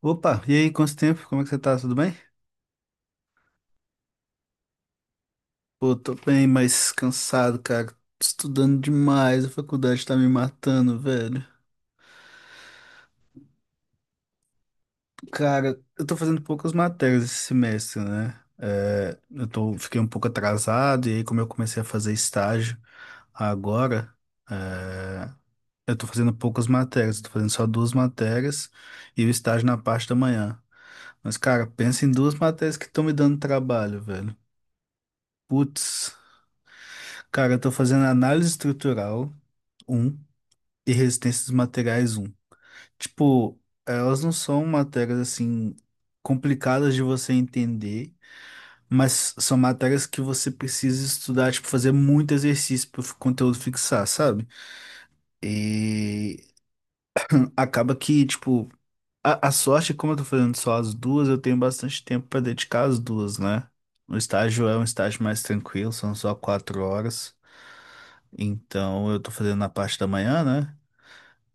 Opa, e aí, quanto tempo? Como é que você tá? Tudo bem? Pô, tô bem, mas cansado, cara. Tô estudando demais, a faculdade tá me matando, velho. Cara, eu tô fazendo poucas matérias esse semestre, né? Fiquei um pouco atrasado, e aí, como eu comecei a fazer estágio agora, é, eu tô fazendo poucas matérias, eu tô fazendo só duas matérias e o estágio na parte da manhã. Mas, cara, pensa em duas matérias que estão me dando trabalho, velho. Putz. Cara, eu tô fazendo análise estrutural um e resistência dos materiais um. Tipo, elas não são matérias assim complicadas de você entender, mas são matérias que você precisa estudar, tipo, fazer muito exercício para o conteúdo fixar, sabe? E acaba que, tipo, a sorte, como eu tô fazendo só as duas, eu tenho bastante tempo para dedicar as duas, né? O estágio é um estágio mais tranquilo, são só 4 horas. Então, eu tô fazendo na parte da manhã, né?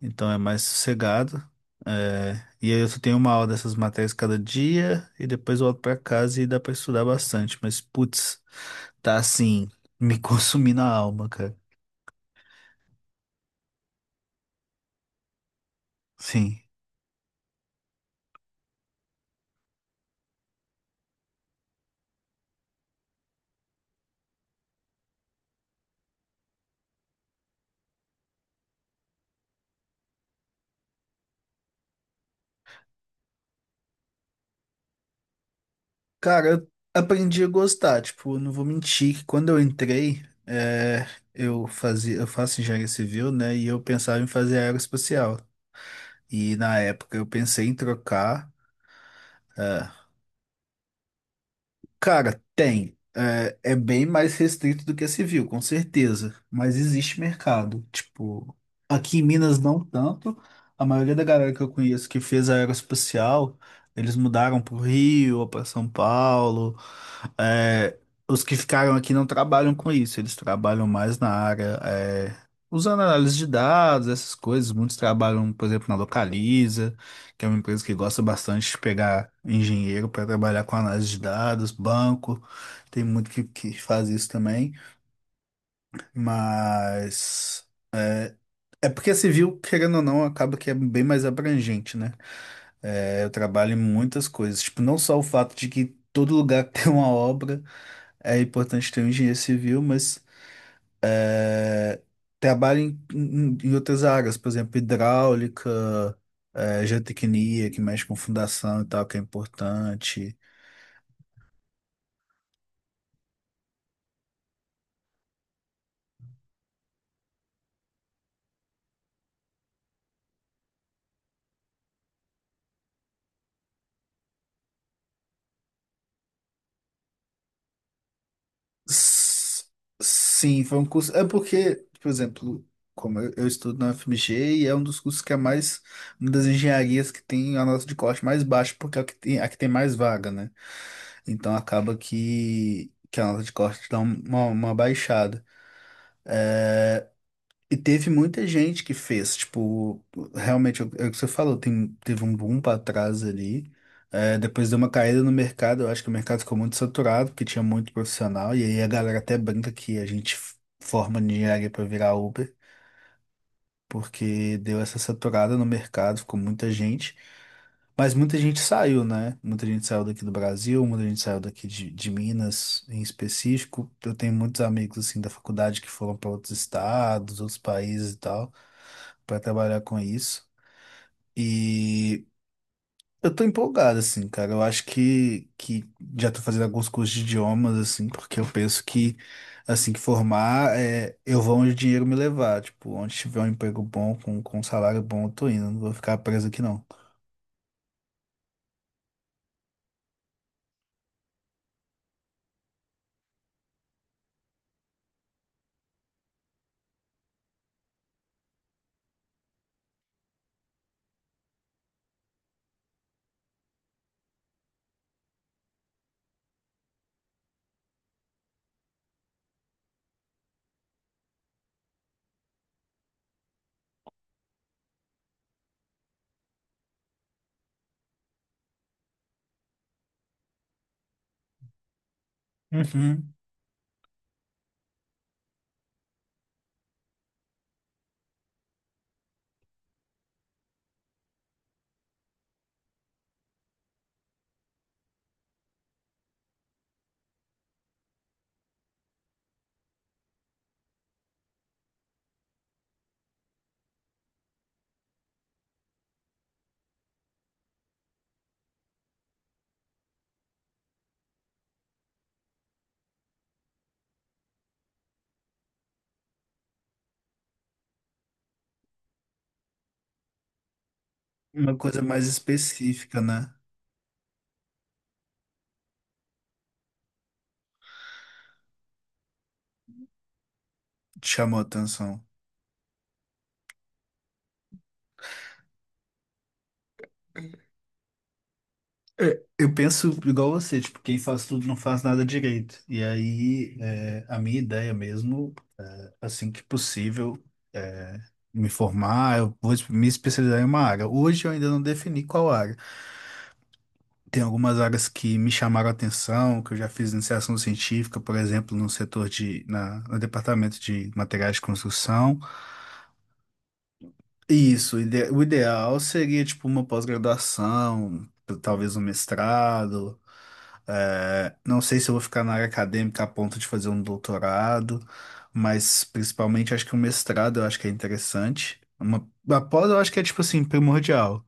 Então é mais sossegado. É, e aí eu só tenho uma aula dessas matérias cada dia e depois eu volto pra casa e dá pra estudar bastante. Mas, putz, tá assim, me consumindo a alma, cara. Sim. Cara, eu aprendi a gostar. Tipo, não vou mentir que quando eu entrei, eu fazia, eu faço engenharia civil, né? E eu pensava em fazer aeroespacial. E na época eu pensei em trocar. eh, Cara, tem. É, é bem mais restrito do que a civil, com certeza. Mas existe mercado. Tipo, aqui em Minas não tanto. A maioria da galera que eu conheço que fez a aeroespacial, eles mudaram pro Rio ou para São Paulo. É, os que ficaram aqui não trabalham com isso. Eles trabalham mais na área, usando análise de dados, essas coisas. Muitos trabalham, por exemplo, na Localiza que é uma empresa que gosta bastante de pegar engenheiro para trabalhar com análise de dados, banco, tem muito que faz isso também, mas é porque a civil, querendo ou não, acaba que é bem mais abrangente, né? É, eu trabalho em muitas coisas, tipo, não só o fato de que todo lugar que tem uma obra é importante ter um engenheiro civil, mas é, trabalha em, em outras áreas, por exemplo, hidráulica, geotecnia, que mexe com fundação e tal, que é importante. S- Sim, foi um curso. É porque, por exemplo, como eu estudo na UFMG e é um dos cursos que é mais, uma das engenharias que tem a nota de corte mais baixa, porque é a que tem mais vaga, né? Então acaba que a nota de corte dá uma baixada. E teve muita gente que fez, tipo, realmente, é o que você falou, teve um boom para trás ali, depois deu uma caída no mercado, eu acho que o mercado ficou muito saturado, porque tinha muito profissional, e aí a galera até brinca que a gente forma de engenharia para virar Uber, porque deu essa saturada no mercado, ficou muita gente, mas muita gente saiu, né? Muita gente saiu daqui do Brasil, muita gente saiu daqui de Minas em específico. Eu tenho muitos amigos assim da faculdade que foram para outros estados, outros países e tal, para trabalhar com isso. E eu tô empolgado, assim, cara. Eu acho que já tô fazendo alguns cursos de idiomas, assim, porque eu penso que, assim que formar, eu vou onde o dinheiro me levar. Tipo, onde tiver um emprego bom, com um salário bom, eu tô indo. Não vou ficar preso aqui, não. Uhum. Uma coisa mais específica, né? Te chamou a atenção. É, eu penso igual você, tipo, quem faz tudo não faz nada direito. E aí, a minha ideia mesmo. Assim que possível, é, me formar, eu vou me especializar em uma área. Hoje eu ainda não defini qual área. Tem algumas áreas que me chamaram a atenção, que eu já fiz iniciação científica, por exemplo, no setor no departamento de materiais de construção. Isso, o ideal seria tipo uma pós-graduação, talvez um mestrado. É, não sei se eu vou ficar na área acadêmica a ponto de fazer um doutorado, mas principalmente acho que um mestrado eu acho que é interessante. Uma, a pós eu acho que é tipo assim, primordial,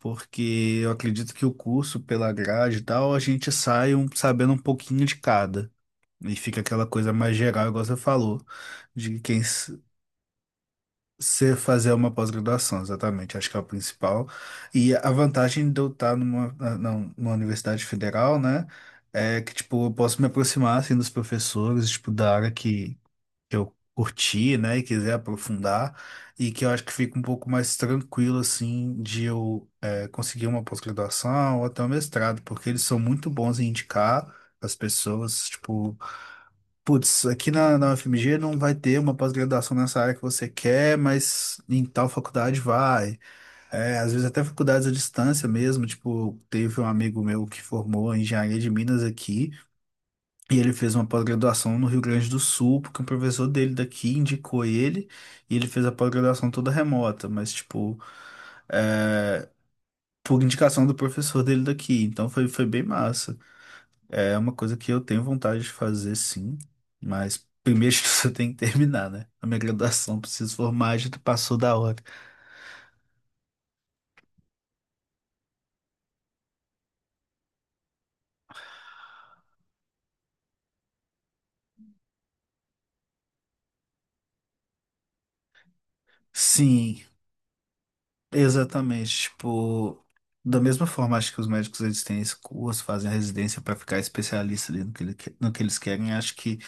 porque eu acredito que o curso, pela grade e tal, a gente sai sabendo um pouquinho de cada. E fica aquela coisa mais geral, igual você falou, de quem, você fazer uma pós-graduação, exatamente, acho que é o principal. E a vantagem de eu estar numa universidade federal, né, é que, tipo, eu posso me aproximar, assim, dos professores, tipo, da área que eu curti, né, e quiser aprofundar, e que eu acho que fica um pouco mais tranquilo, assim, de eu conseguir uma pós-graduação ou até um mestrado, porque eles são muito bons em indicar as pessoas, tipo, putz, aqui na UFMG não vai ter uma pós-graduação nessa área que você quer, mas em tal faculdade vai. É, às vezes até faculdades à distância mesmo, tipo, teve um amigo meu que formou em engenharia de Minas aqui, e ele fez uma pós-graduação no Rio Grande do Sul, porque um professor dele daqui indicou ele, e ele fez a pós-graduação toda remota, mas tipo, é, por indicação do professor dele daqui, então foi, foi bem massa. É uma coisa que eu tenho vontade de fazer, sim, mas primeiro que você tem que terminar, né? A minha graduação, preciso formar, já passou da hora. Sim, exatamente. Tipo, da mesma forma, acho que os médicos eles têm esse curso, fazem a residência para ficar especialista ali no que, no que eles querem. Acho que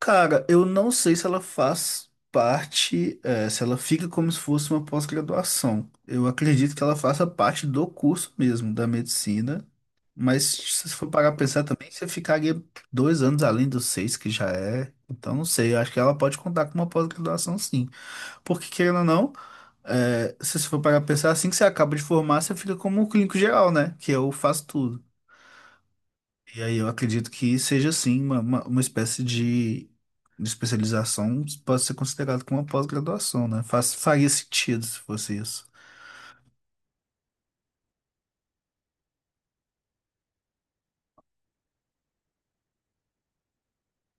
Cara, eu não sei se ela faz parte, se ela fica como se fosse uma pós-graduação. Eu acredito que ela faça parte do curso mesmo, da medicina. Mas se você for parar pra pensar também, você ficaria 2 anos além dos 6 que já é. Então, não sei, eu acho que ela pode contar com uma pós-graduação sim. Porque, querendo ou não, se você for parar pra pensar, assim que você acaba de formar, você fica como um clínico geral, né? Que eu faço tudo. E aí eu acredito que seja sim uma espécie de especialização, pode ser considerado como uma pós-graduação, né? Faz, faria sentido se fosse isso.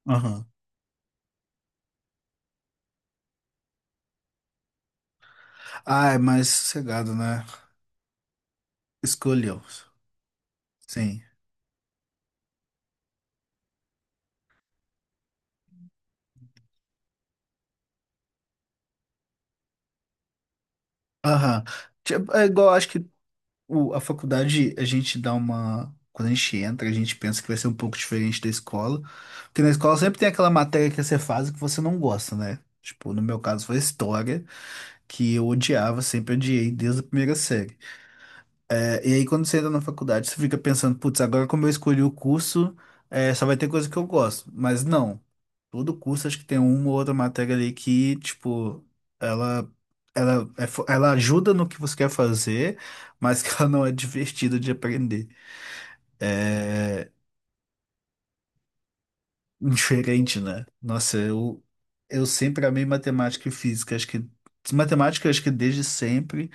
Aham. Ah, é mais sossegado, né? Escolheu. Sim. Aham. Tipo, é igual, acho que a faculdade, a gente dá uma. Quando a gente entra, a gente pensa que vai ser um pouco diferente da escola. Porque na escola sempre tem aquela matéria que você faz e que você não gosta, né? Tipo, no meu caso foi história, que eu odiava, sempre odiei desde a primeira série. E aí, quando você entra na faculdade, você fica pensando, putz, agora como eu escolhi o curso, só vai ter coisa que eu gosto. Mas não. Todo curso, acho que tem uma ou outra matéria ali que, tipo, ela, ela ajuda no que você quer fazer, mas que ela não é divertida de aprender. É diferente, né? Nossa, eu sempre amei matemática e física. Acho que matemática, acho que desde sempre,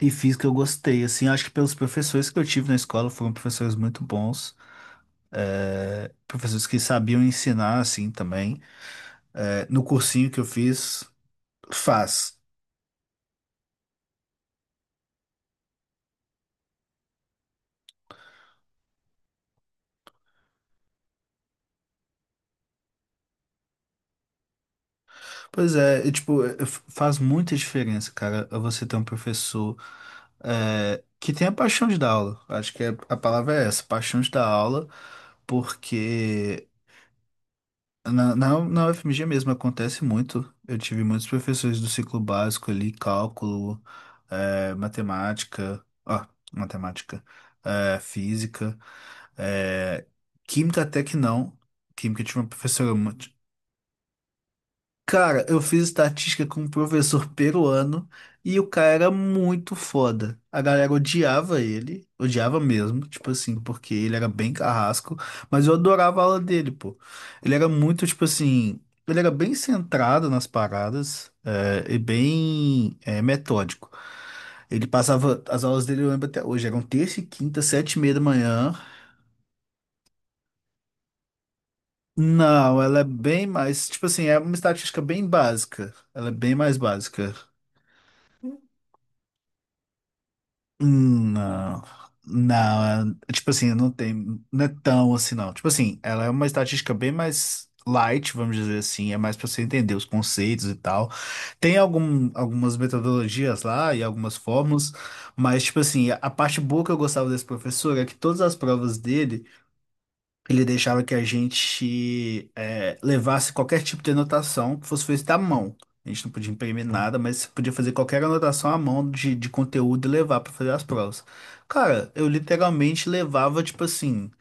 e física eu gostei. Assim, acho que pelos professores que eu tive na escola foram professores muito bons. Professores que sabiam ensinar assim também. É, no cursinho que eu fiz, faz. Pois é, e, tipo, faz muita diferença, cara, você ter um professor que tenha paixão de dar aula. Acho que a palavra é essa, paixão de dar aula, porque na, na UFMG mesmo acontece muito. Eu tive muitos professores do ciclo básico ali, cálculo, matemática, ó, matemática, física, eh, química até que não. Química eu tive uma professora. Cara, eu fiz estatística com um professor peruano e o cara era muito foda. A galera odiava ele, odiava mesmo, tipo assim, porque ele era bem carrasco, mas eu adorava a aula dele, pô. Ele era muito, tipo assim, ele era bem centrado nas paradas, e bem, metódico. Ele passava, as aulas dele eu lembro até hoje, eram terça e quinta, 7:30 da manhã. Não, ela é bem mais, tipo assim, é uma estatística bem básica. Ela é bem mais básica. Não, não, tipo assim, não tem, não é tão assim, não. Tipo assim, ela é uma estatística bem mais light, vamos dizer assim, é mais pra você entender os conceitos e tal. Tem algum, algumas metodologias lá e algumas fórmulas, mas, tipo assim, a parte boa que eu gostava desse professor é que todas as provas dele. Ele deixava que a gente levasse qualquer tipo de anotação que fosse feita à mão. A gente não podia imprimir nada, mas você podia fazer qualquer anotação à mão de conteúdo e levar para fazer as provas. Cara, eu literalmente levava, tipo assim,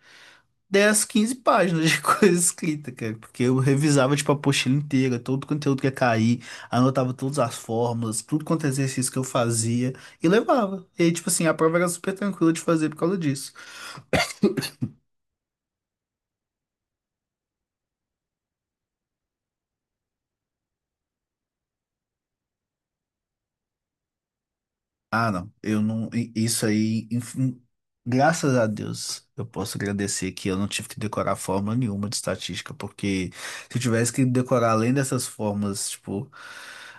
10, 15 páginas de coisa escrita, cara, porque eu revisava, tipo, a apostila inteira, todo o conteúdo que ia cair, anotava todas as fórmulas, tudo quanto é exercício que eu fazia e levava. E aí, tipo assim, a prova era super tranquila de fazer por causa disso. Ah, não, eu não. Isso aí, enfim, graças a Deus, eu posso agradecer que eu não tive que decorar forma nenhuma de estatística, porque se eu tivesse que decorar além dessas formas, tipo,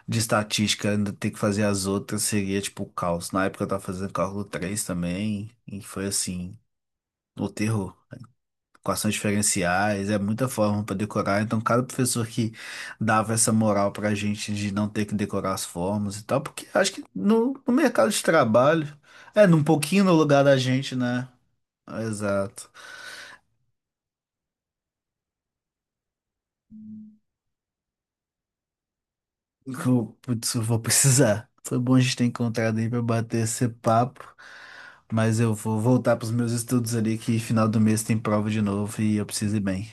de estatística, ainda ter que fazer as outras, seria tipo o caos. Na época eu tava fazendo cálculo 3 também, e foi assim, o terror equações diferenciais, é muita forma para decorar. Então, cada professor que dava essa moral para a gente de não ter que decorar as formas e tal, porque acho que no mercado de trabalho, num pouquinho no lugar da gente, né? Exato. Eu, putz, eu vou precisar. Foi bom a gente ter encontrado aí para bater esse papo, mas eu vou voltar para os meus estudos ali, que final do mês tem prova de novo e eu preciso ir bem.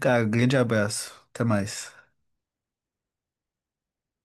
Cara, grande abraço. Até mais.